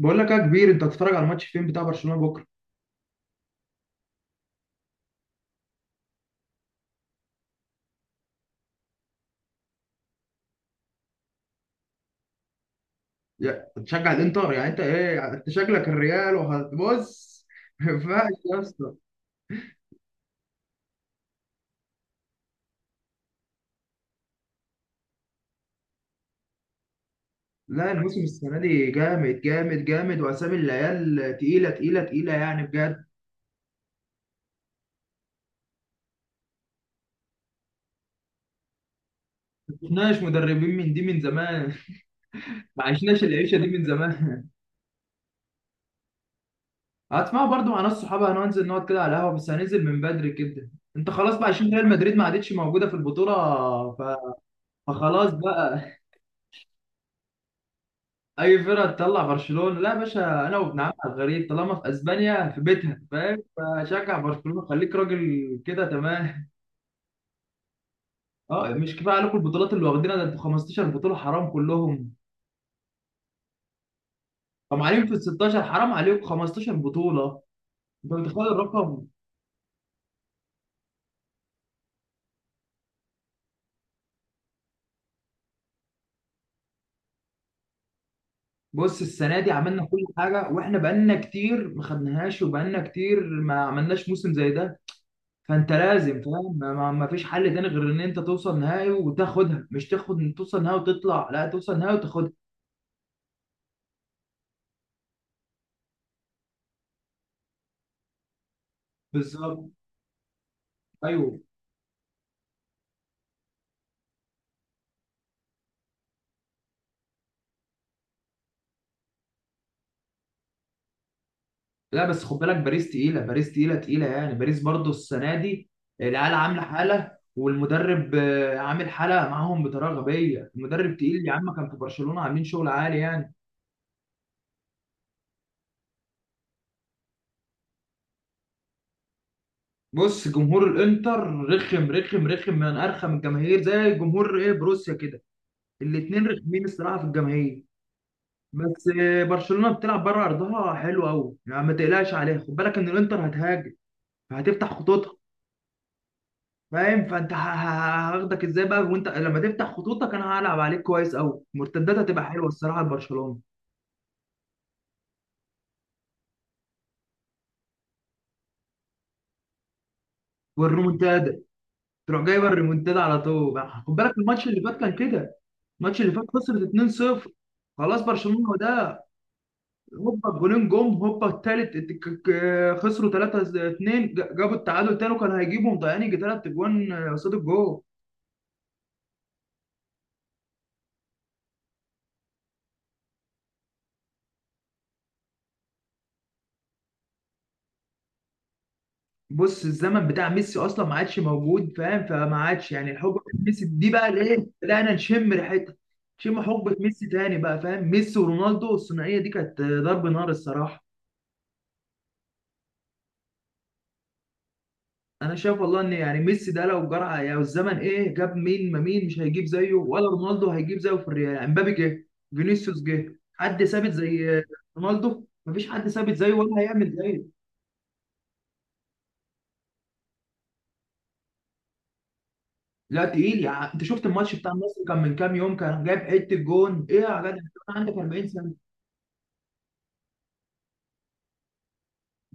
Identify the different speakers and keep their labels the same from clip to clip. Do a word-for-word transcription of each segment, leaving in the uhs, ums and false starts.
Speaker 1: بقول لك يا كبير، انت هتتفرج على الماتش فين بتاع برشلونه بكره؟ يا- هتشجع الانتر يعني؟ انت ايه، انت شكلك الريال وهتبص. ما ينفعش يا اسطى. لا، الموسم السنه دي جامد جامد جامد، واسامي العيال تقيله تقيله تقيله يعني بجد. ما شفناش مدربين من دي من زمان. ما عشناش العيشه دي من زمان. هتسمعوا برضو مع ناس صحابي، هننزل نقعد كده على القهوه، بس هننزل من بدري كده. انت خلاص بقى عشان ريال مدريد ما عادتش موجوده في البطوله. ف- فخلاص بقى. اي فرقه تطلع برشلونه لا يا باشا، انا وابن عمي على الغريب طالما في اسبانيا في بيتها، فاهم؟ فشجع برشلونه خليك راجل كده، تمام. اه مش كفايه عليكم البطولات اللي واخدينها، ده انتوا خمستاشر بطوله حرام كلهم. طب عليهم في ال ستاشر، حرام عليكم خمستاشر بطوله. انت متخيل الرقم؟ بص السنه دي عملنا كل حاجه، واحنا بقالنا كتير ما خدناهاش، وبقالنا كتير ما عملناش موسم زي ده. فانت لازم فاهم ما ما- ما فيش حل تاني غير ان انت توصل نهائي وتاخدها، مش تاخد توصل نهائي وتطلع، لا توصل نهائي وتاخدها. بالظبط، ايوه. لا بس خد بالك، باريس تقيله، باريس تقيله تقيله يعني، باريس برضو السنه دي العيال عامله حاله، والمدرب آه، عامل حاله معاهم بطريقه غبيه. المدرب تقيل يا عم، كان في برشلونه عاملين شغل عالي يعني. بص جمهور الانتر رخم رخم رخم، من ارخم الجماهير، زي جمهور ايه، بروسيا كده. الاتنين رخمين الصراحه في الجماهير. بس آه، برشلونه بتلعب بره ارضها حلو قوي يعني، ما تقلقش عليها. خد بالك ان الانتر هتهاجم، هتفتح خطوطها. فاهم؟ فانت ه- ه- هاخدك ازاي بقى وانت لما تفتح خطوطك؟ انا هلعب عليك كويس قوي، المرتدات هتبقى حلوه الصراحه لبرشلونه. والريمونتادا تروح جايبه الريمونتادا على طول بقى. خد بالك الماتش اللي فات كان كده. الماتش اللي فات خسرت اتنين صفر، خلاص برشلونه ده. هوبا الجولين جم، هوبا التالت ات- ك- ك- خسروا تلاته اتنين، ج- جابوا التعادل تاني، وكان هيجيبوا، مضيعين يجي تلات اجوان قصاد الجول. بص الزمن بتاع ميسي اصلا ما عادش موجود، فاهم؟ فما عادش يعني الحقبه بتاع ميسي دي بقى، اللي ايه، بدانا نشم ريحتها. نشم حقبه ميسي تاني بقى، فاهم؟ ميسي ورونالدو الثنائيه دي كانت ضرب نار الصراحه. انا شايف والله ان يعني ميسي ده لو جرى، يعني الزمن ايه، جاب مين؟ ما مين مش هيجيب زيه، ولا رونالدو هيجيب زيه في الريال يعني. مبابي جه، فينيسيوس جه، حد ثابت زي رونالدو؟ مفيش حد ثابت زيه ولا هيعمل زيه. لا تقيل يعني، انت شفت الماتش بتاع النصر كان من كام يوم، كان جايب حته جون ايه يا جدع. عندك اربعين سنه،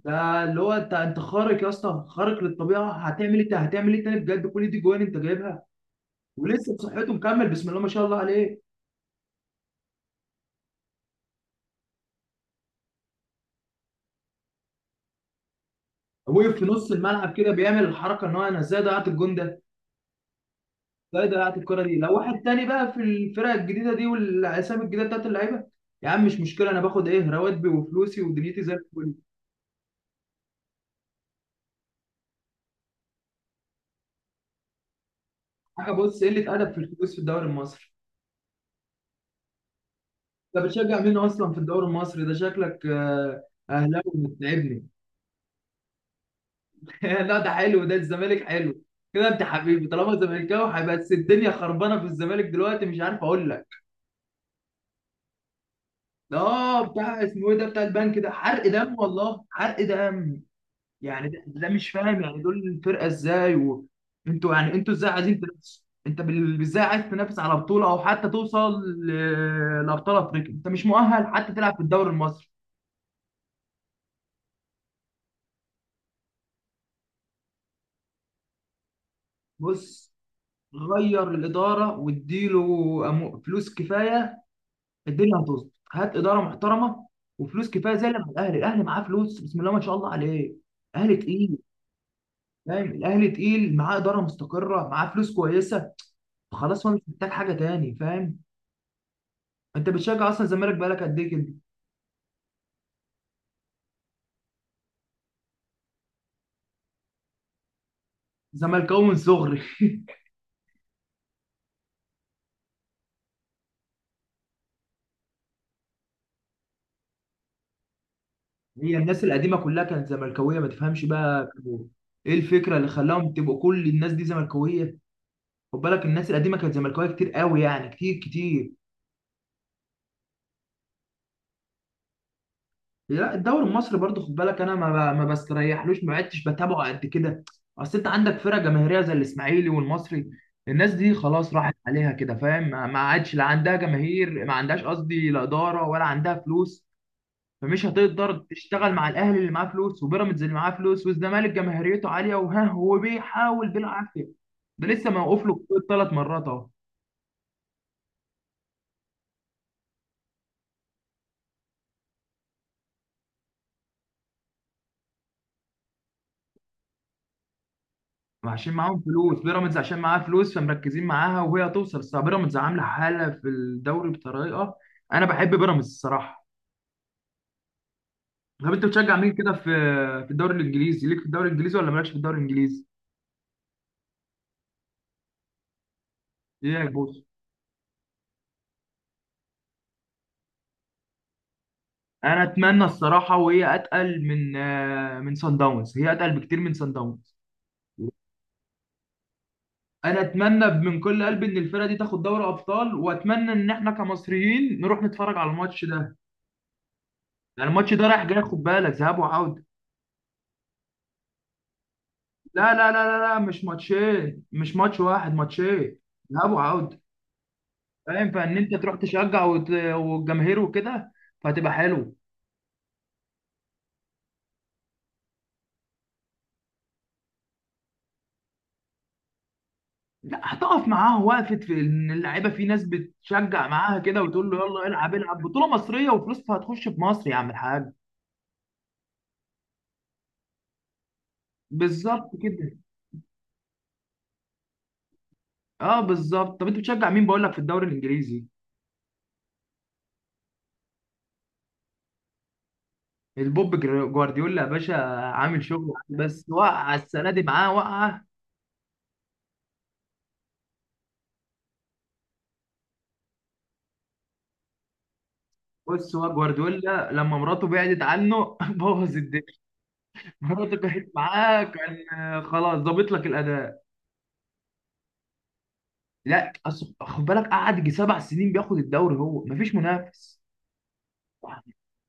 Speaker 1: ده اللي هو انت انت خارق يا اسطى، خارق للطبيعه. هتعمل ايه تا- هتعمل ايه تاني بجد، كل دي جوان انت جايبها. ولسه بصحته مكمل، بسم الله ما شاء الله عليه. وقف في نص الملعب كده بيعمل الحركه ان هو، انا ازاي ضيعت الجون ده، ازاي ضيعت الكره دي. لو واحد تاني بقى في الفرق الجديده دي والاسامي الجديده بتاعت اللعيبه، يا عم مش مشكله، انا باخد ايه، رواتبي وفلوسي ودنيتي زي الفل. حاجه. بص، قله ادب في الفلوس في الدوري المصري. انت بتشجع مين اصلا في الدوري المصري ده؟ شكلك آه، اهلاوي، بتتعبني. لا، ده حلو، ده الزمالك حلو. كده انت حبيبي، طالما زملكاوي هيبقى، بس الدنيا خربانه في الزمالك دلوقتي، مش عارف اقول لك. اه، بتاع اسمه ايه ده، بتاع البنك؟ ده حرق دم والله، حرق دم. يعني ده, ده مش فاهم يعني، دول الفرقه ازاي و... انتوا يعني، انتوا ازاي عايزين تنافسوا؟ انت بال- ازاي عايز تنافس على بطوله، او حتى توصل ل- لابطال افريقيا؟ انت مش مؤهل حتى تلعب في الدوري المصري. بص، غير الاداره واديله أمو- فلوس كفايه، الدنيا هتظبط. هات اداره محترمه وفلوس كفايه زي اللي مع الاهلي. الاهلي معاه فلوس بسم الله ما شاء الله عليه. الاهلي تقيل، فاهم؟ الاهلي تقيل، معاه اداره مستقره، معاه فلوس كويسه. خلاص، هو مش محتاج حاجه تاني، فاهم؟ انت بتشجع اصلا الزمالك بقالك قد ايه كده؟ زملكاوي من صغري. هي الناس القديمه كلها كانت زملكاويه، ما تفهمش بقى كانوا ايه الفكره اللي خلاهم تبقوا كل الناس دي زملكاويه. خد بالك الناس القديمه كانت زملكاويه كتير قوي يعني، كتير كتير. لا الدوري المصري برضو خد بالك، انا ما ما بستريحلوش، ما عدتش بتابعه قد كده. اصل انت عندك فرقه جماهيريه زي الاسماعيلي والمصري، الناس دي خلاص راحت عليها كده، فاهم؟ ما ما عادش لا عندها جماهير، ما عندهاش قصدي لا اداره ولا عندها فلوس. فمش هتقدر تشتغل مع الاهلي اللي معاه فلوس، وبيراميدز اللي معاه فلوس، والزمالك جماهيريته عاليه وها هو بيحاول بالعافيه. ده لسه موقف له ثلاث مرات اهو. عشان معاهم فلوس، بيراميدز عشان معاها فلوس، فمركزين معاها وهي هتوصل، بس بيراميدز عامله حاله في الدوري بطريقه. انا بحب بيراميدز الصراحه. طب انت بتشجع مين كده في في الدوري الانجليزي؟ ليك في الدوري الانجليزي ولا مالكش في الدوري الانجليزي؟ ايه يا بص، انا اتمنى الصراحه، وهي اتقل من آه، من سان داونز، هي اتقل بكتير من سان داونز. انا اتمنى من كل قلبي ان الفرقه دي تاخد دوري ابطال، واتمنى ان احنا كمصريين نروح نتفرج على الماتش ده. يعني الماتش ده رايح جاي، خد بالك، ذهاب وعوده. لا لا لا لا لا، مش ماتشين، مش ماتش واحد، ماتشين، ذهاب وعودة. فاهم؟ فان انت تروح تشجع وت- والجماهير وكده، فهتبقى حلو. لا هتقف معاه، وقفت في ان اللعيبه في ناس بتشجع معاها كده، وتقول له يلا العب العب بطوله مصريه وفلوسها هتخش في مصر يا عم الحاج. بالظبط كده. اه بالظبط. طب انت بتشجع مين بقول لك في الدوري الانجليزي؟ البوب جر- جوارديولا يا باشا، عامل شغل، بس وقع السنه دي معاه وقعه. بص هو جوارديولا لما مراته بعدت عنه بوظ الدنيا. مراتك كانت معاك كان آه، خلاص ظابط لك الاداء. لا أص- خد بالك قعد يجي سبع سنين بياخد الدوري، هو مفيش منافس.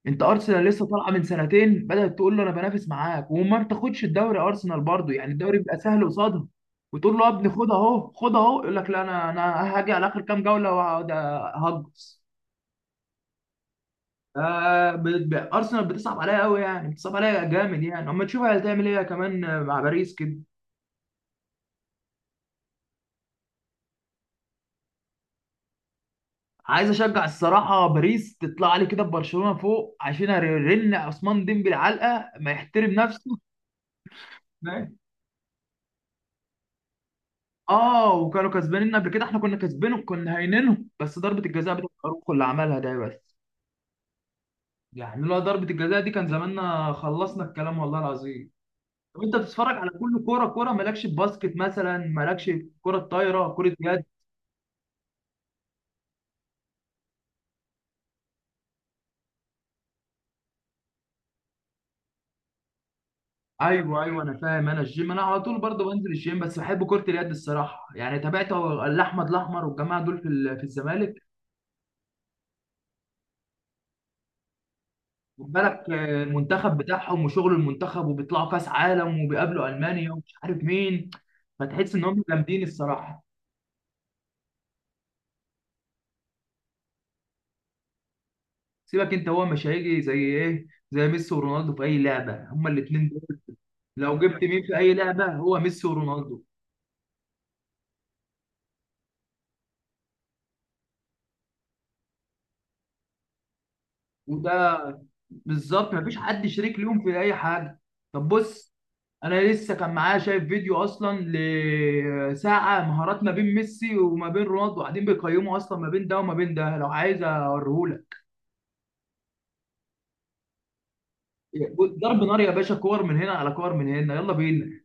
Speaker 1: انت ارسنال لسه طالعه من سنتين بدات تقول له انا بنافس معاك، وما بتاخدش الدوري، ارسنال برضو يعني الدوري بيبقى سهل قصادها. وتقول له يا ابني خد اهو خد اهو، يقول لك لا، انا انا هاجي على اخر كام جوله وهقعد هجص. آه، ب- ب- ارسنال بتصعب عليا قوي يعني، بتصعب عليا جامد يعني، اما تشوف هتعمل ايه كمان مع باريس كده. عايز اشجع الصراحه باريس، تطلع لي كده ببرشلونه فوق، عشان ارن عثمان ديمبلي علقه ما يحترم نفسه. لا. اه، وكانوا كسبانين قبل كده، احنا كنا كسبانهم، كنا هاينينهم، بس ضربه الجزاء بتاعت اروخو اللي عملها ده بس. يعني لولا ضربه الجزاء دي كان زماننا خلصنا الكلام والله العظيم. طب انت بتتفرج على كل كوره كوره، مالكش في باسكت مثلا؟ مالكش في كره طايره، كره يد؟ ايوه ايوه انا فاهم، انا الجيم انا على طول برضه بنزل الجيم، بس بحب كره اليد الصراحه يعني، تابعت الاحمد الاحمر والجماعه دول في ال- في الزمالك. خد بالك آه، المنتخب بتاعهم وشغل المنتخب، وبيطلعوا كاس عالم وبيقابلوا المانيا ومش عارف مين، فتحس ان هم جامدين الصراحه. سيبك انت، هو مش هيجي زي ايه، زي ميسي ورونالدو في اي لعبه هما الاثنين دول. لو جبت مين في اي لعبه هو ميسي ورونالدو، وده بالظبط، مفيش حد شريك ليهم في اي حاجه. طب بص، انا لسه كان معايا شايف فيديو اصلا لساعه، مهارات ما بين ميسي وما بين رونالدو، قاعدين بيقيموا اصلا ما بين ده وما بين ده، لو عايز اوريهولك. ضرب نار يا باشا، كور من هنا على كور من هنا، يلا بينا.